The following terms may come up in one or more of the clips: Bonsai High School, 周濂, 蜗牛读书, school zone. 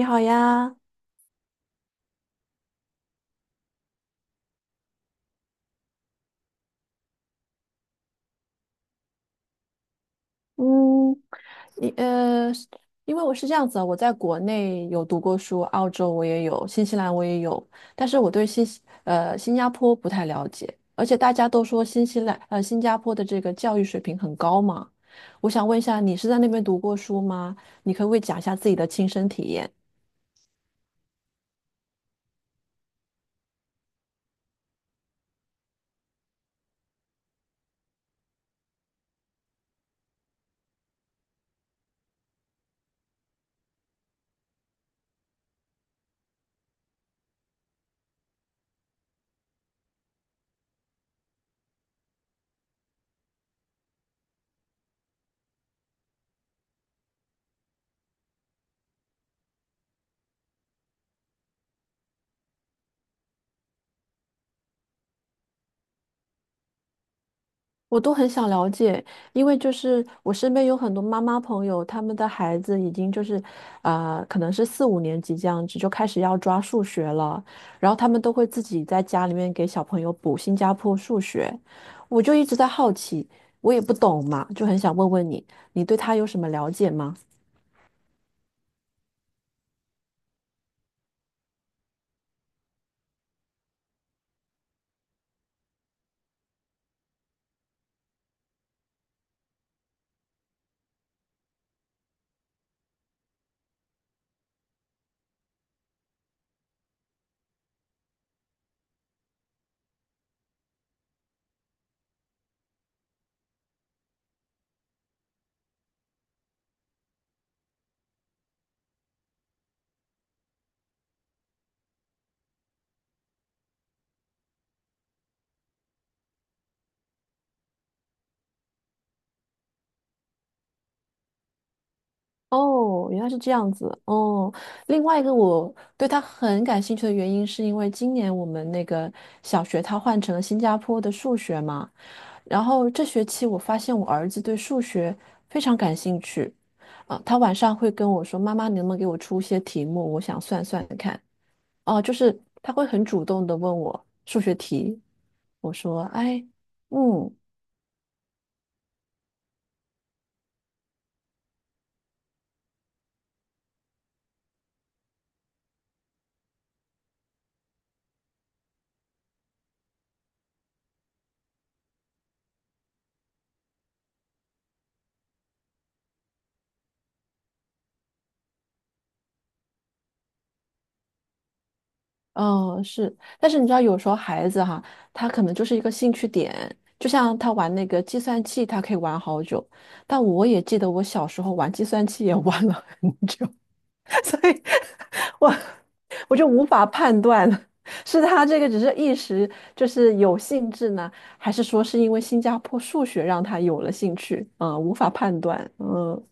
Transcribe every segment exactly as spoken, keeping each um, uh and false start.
你好呀。嗯，你呃，是因为我是这样子啊，我在国内有读过书，澳洲我也有，新西兰我也有，但是我对新西呃新加坡不太了解，而且大家都说新西兰呃新加坡的这个教育水平很高嘛。我想问一下，你是在那边读过书吗？你可不可以讲一下自己的亲身体验？我都很想了解，因为就是我身边有很多妈妈朋友，他们的孩子已经就是，啊、可能是四五年级这样子就开始要抓数学了，然后他们都会自己在家里面给小朋友补新加坡数学。我就一直在好奇，我也不懂嘛，就很想问问你，你对他有什么了解吗？哦，原来是这样子哦。另外一个我对他很感兴趣的原因，是因为今年我们那个小学它换成了新加坡的数学嘛。然后这学期我发现我儿子对数学非常感兴趣，啊，他晚上会跟我说："妈妈，你能不能给我出一些题目？我想算算看。"哦，就是他会很主动的问我数学题。我说："哎，嗯，哦，是。"但是你知道，有时候孩子哈，他可能就是一个兴趣点，就像他玩那个计算器，他可以玩好久。但我也记得我小时候玩计算器也玩了很久。所以我我就无法判断了，是他这个只是一时就是有兴致呢，还是说是因为新加坡数学让他有了兴趣？啊、呃无法判断。嗯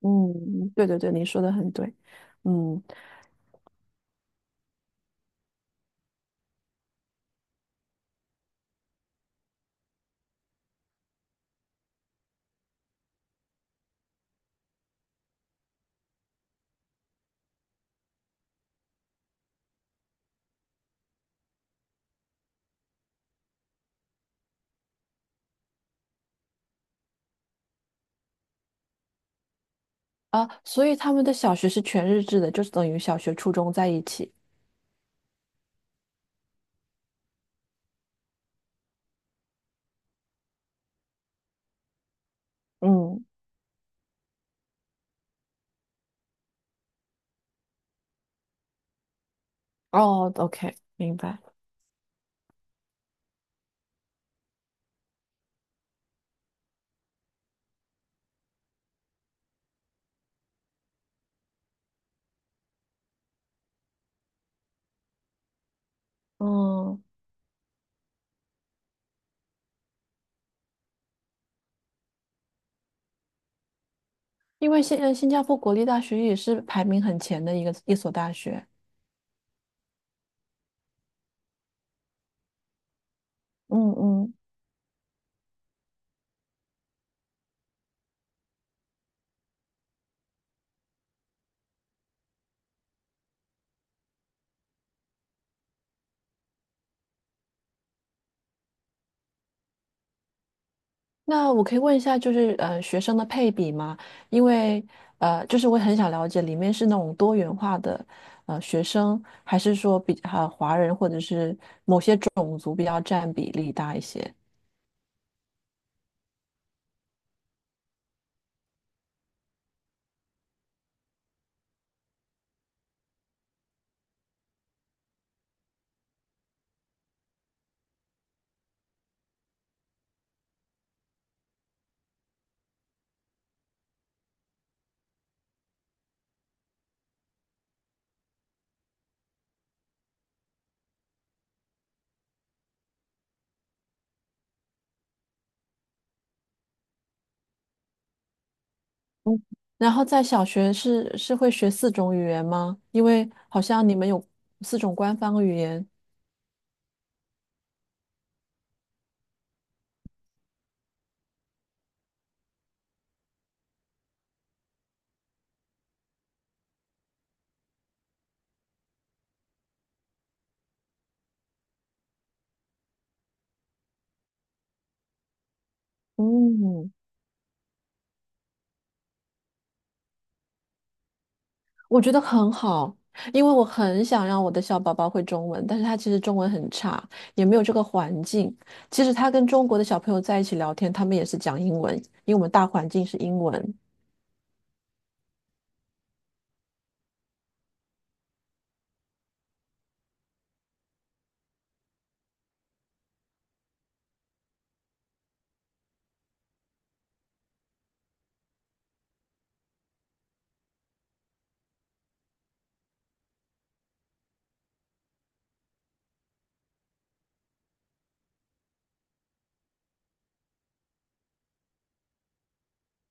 嗯，对对对，您说的很对。嗯啊，所以他们的小学是全日制的，就是等于小学、初中在一起。嗯，哦，OK,明白。嗯，因为新呃新加坡国立大学也是排名很前的一个一所大学。嗯嗯，那我可以问一下，就是呃，学生的配比吗？因为呃，就是我很想了解里面是那种多元化的呃学生，还是说比呃华人或者是某些种族比较占比例大一些？嗯，然后在小学是是会学四种语言吗？因为好像你们有四种官方语言。嗯，我觉得很好，因为我很想让我的小宝宝会中文，但是他其实中文很差，也没有这个环境。其实他跟中国的小朋友在一起聊天，他们也是讲英文，因为我们大环境是英文。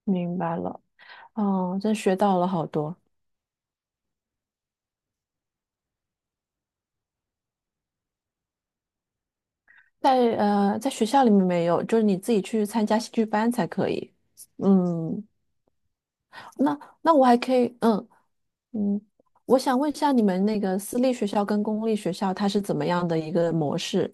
明白了，哦，真学到了好多。在呃，在学校里面没有，就是你自己去参加戏剧班才可以。嗯，那那我还可以，嗯嗯，我想问一下你们那个私立学校跟公立学校它是怎么样的一个模式？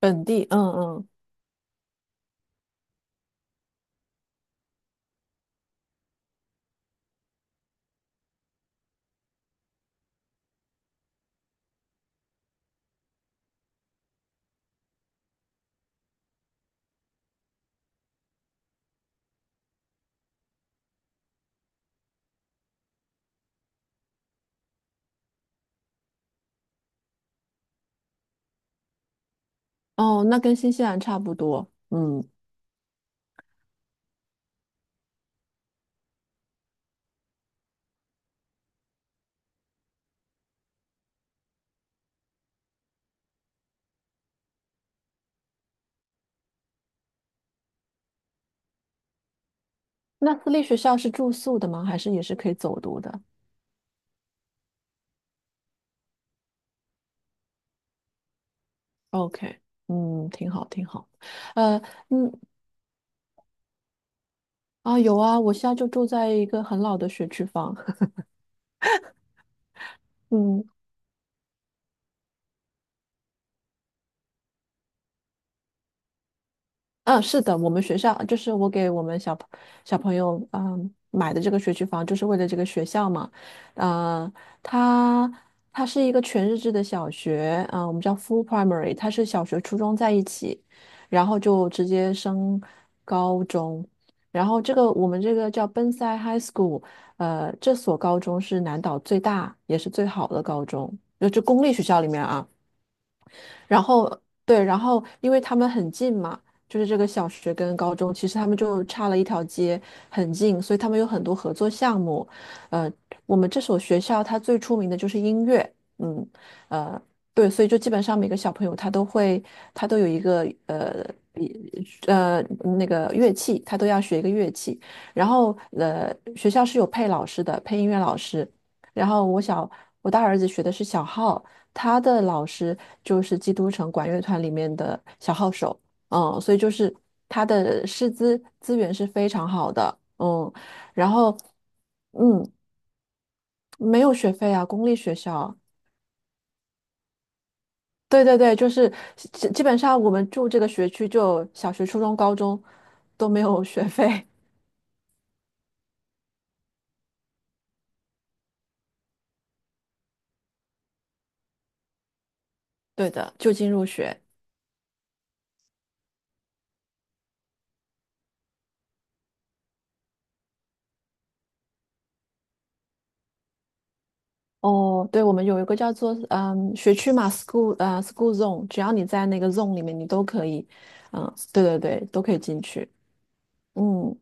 本地，嗯嗯。哦，那跟新西兰差不多。嗯，那私立学校是住宿的吗？还是也是可以走读的？OK。嗯，挺好，挺好。呃，嗯，啊，有啊，我现在就住在一个很老的学区房。嗯，嗯，是的，我们学校就是我给我们小朋小朋友嗯买的这个学区房，就是为了这个学校嘛。呃，它它是一个全日制的小学，啊、我们叫 full primary,它是小学、初中在一起，然后就直接升高中。然后这个我们这个叫 Bonsai High School。呃，这所高中是南岛最大也是最好的高中，就就公立学校里面啊。然后对，然后因为他们很近嘛，就是这个小学跟高中，其实他们就差了一条街，很近，所以他们有很多合作项目。呃，我们这所学校它最出名的就是音乐。嗯，呃，对，所以就基本上每个小朋友他都会，他都有一个呃。一呃，那个乐器，他都要学一个乐器，然后呃，学校是有配老师的，配音乐老师。然后我小我大儿子学的是小号，他的老师就是基督城管乐团里面的小号手。嗯，所以就是他的师资资源是非常好的。嗯，然后，嗯，没有学费啊，公立学校。对对对，就是基基本上我们住这个学区就小学、初中、高中都没有学费。对的，就近入学。哦，对，我们有一个叫做嗯学区嘛，school 啊 school zone,只要你在那个 zone 里面，你都可以。嗯，对对对，都可以进去。嗯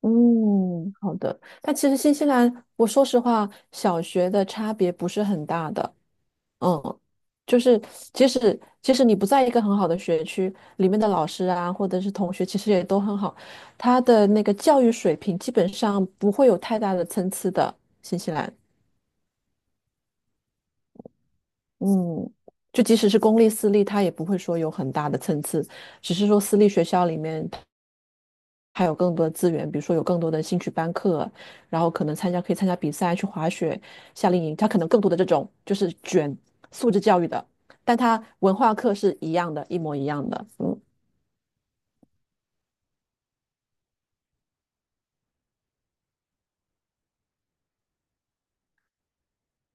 嗯，好的。但其实新西兰，我说实话，小学的差别不是很大的。嗯，就是即使即使你不在一个很好的学区，里面的老师啊，或者是同学，其实也都很好，他的那个教育水平基本上不会有太大的参差的。新西兰，嗯，就即使是公立私立，他也不会说有很大的参差，只是说私立学校里面。还有更多的资源，比如说有更多的兴趣班课，然后可能参加可以参加比赛，去滑雪、夏令营，他可能更多的这种就是卷素质教育的，但他文化课是一样的，一模一样的。嗯。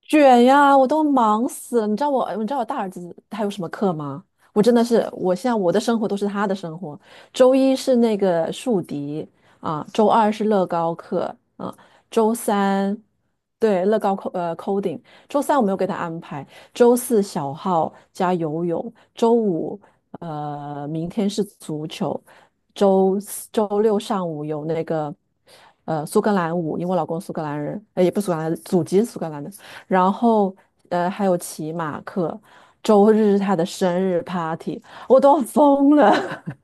卷呀，我都忙死了。你知道我，你知道我大儿子他有什么课吗？我真的是，我现在我的生活都是他的生活。周一是那个竖笛啊，周二是乐高课啊，周三对，乐高扣呃 coding,周三我没有给他安排，周四小号加游泳，周五呃明天是足球，周四周六上午有那个呃苏格兰舞，因为我老公苏格兰人，呃也不是苏格兰，祖籍是苏格兰的。然后呃还有骑马课，周日是他的生日 party,我都要疯了。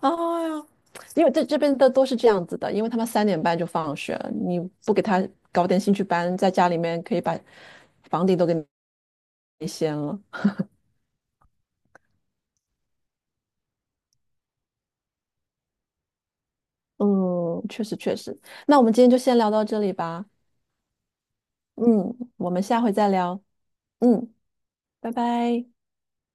哎呀，因为这这边的都是这样子的，因为他们三点半就放学了，你不给他搞点兴趣班，在家里面可以把房顶都给你掀了。嗯，确实确实，那我们今天就先聊到这里吧。嗯，我们下回再聊。嗯，拜拜。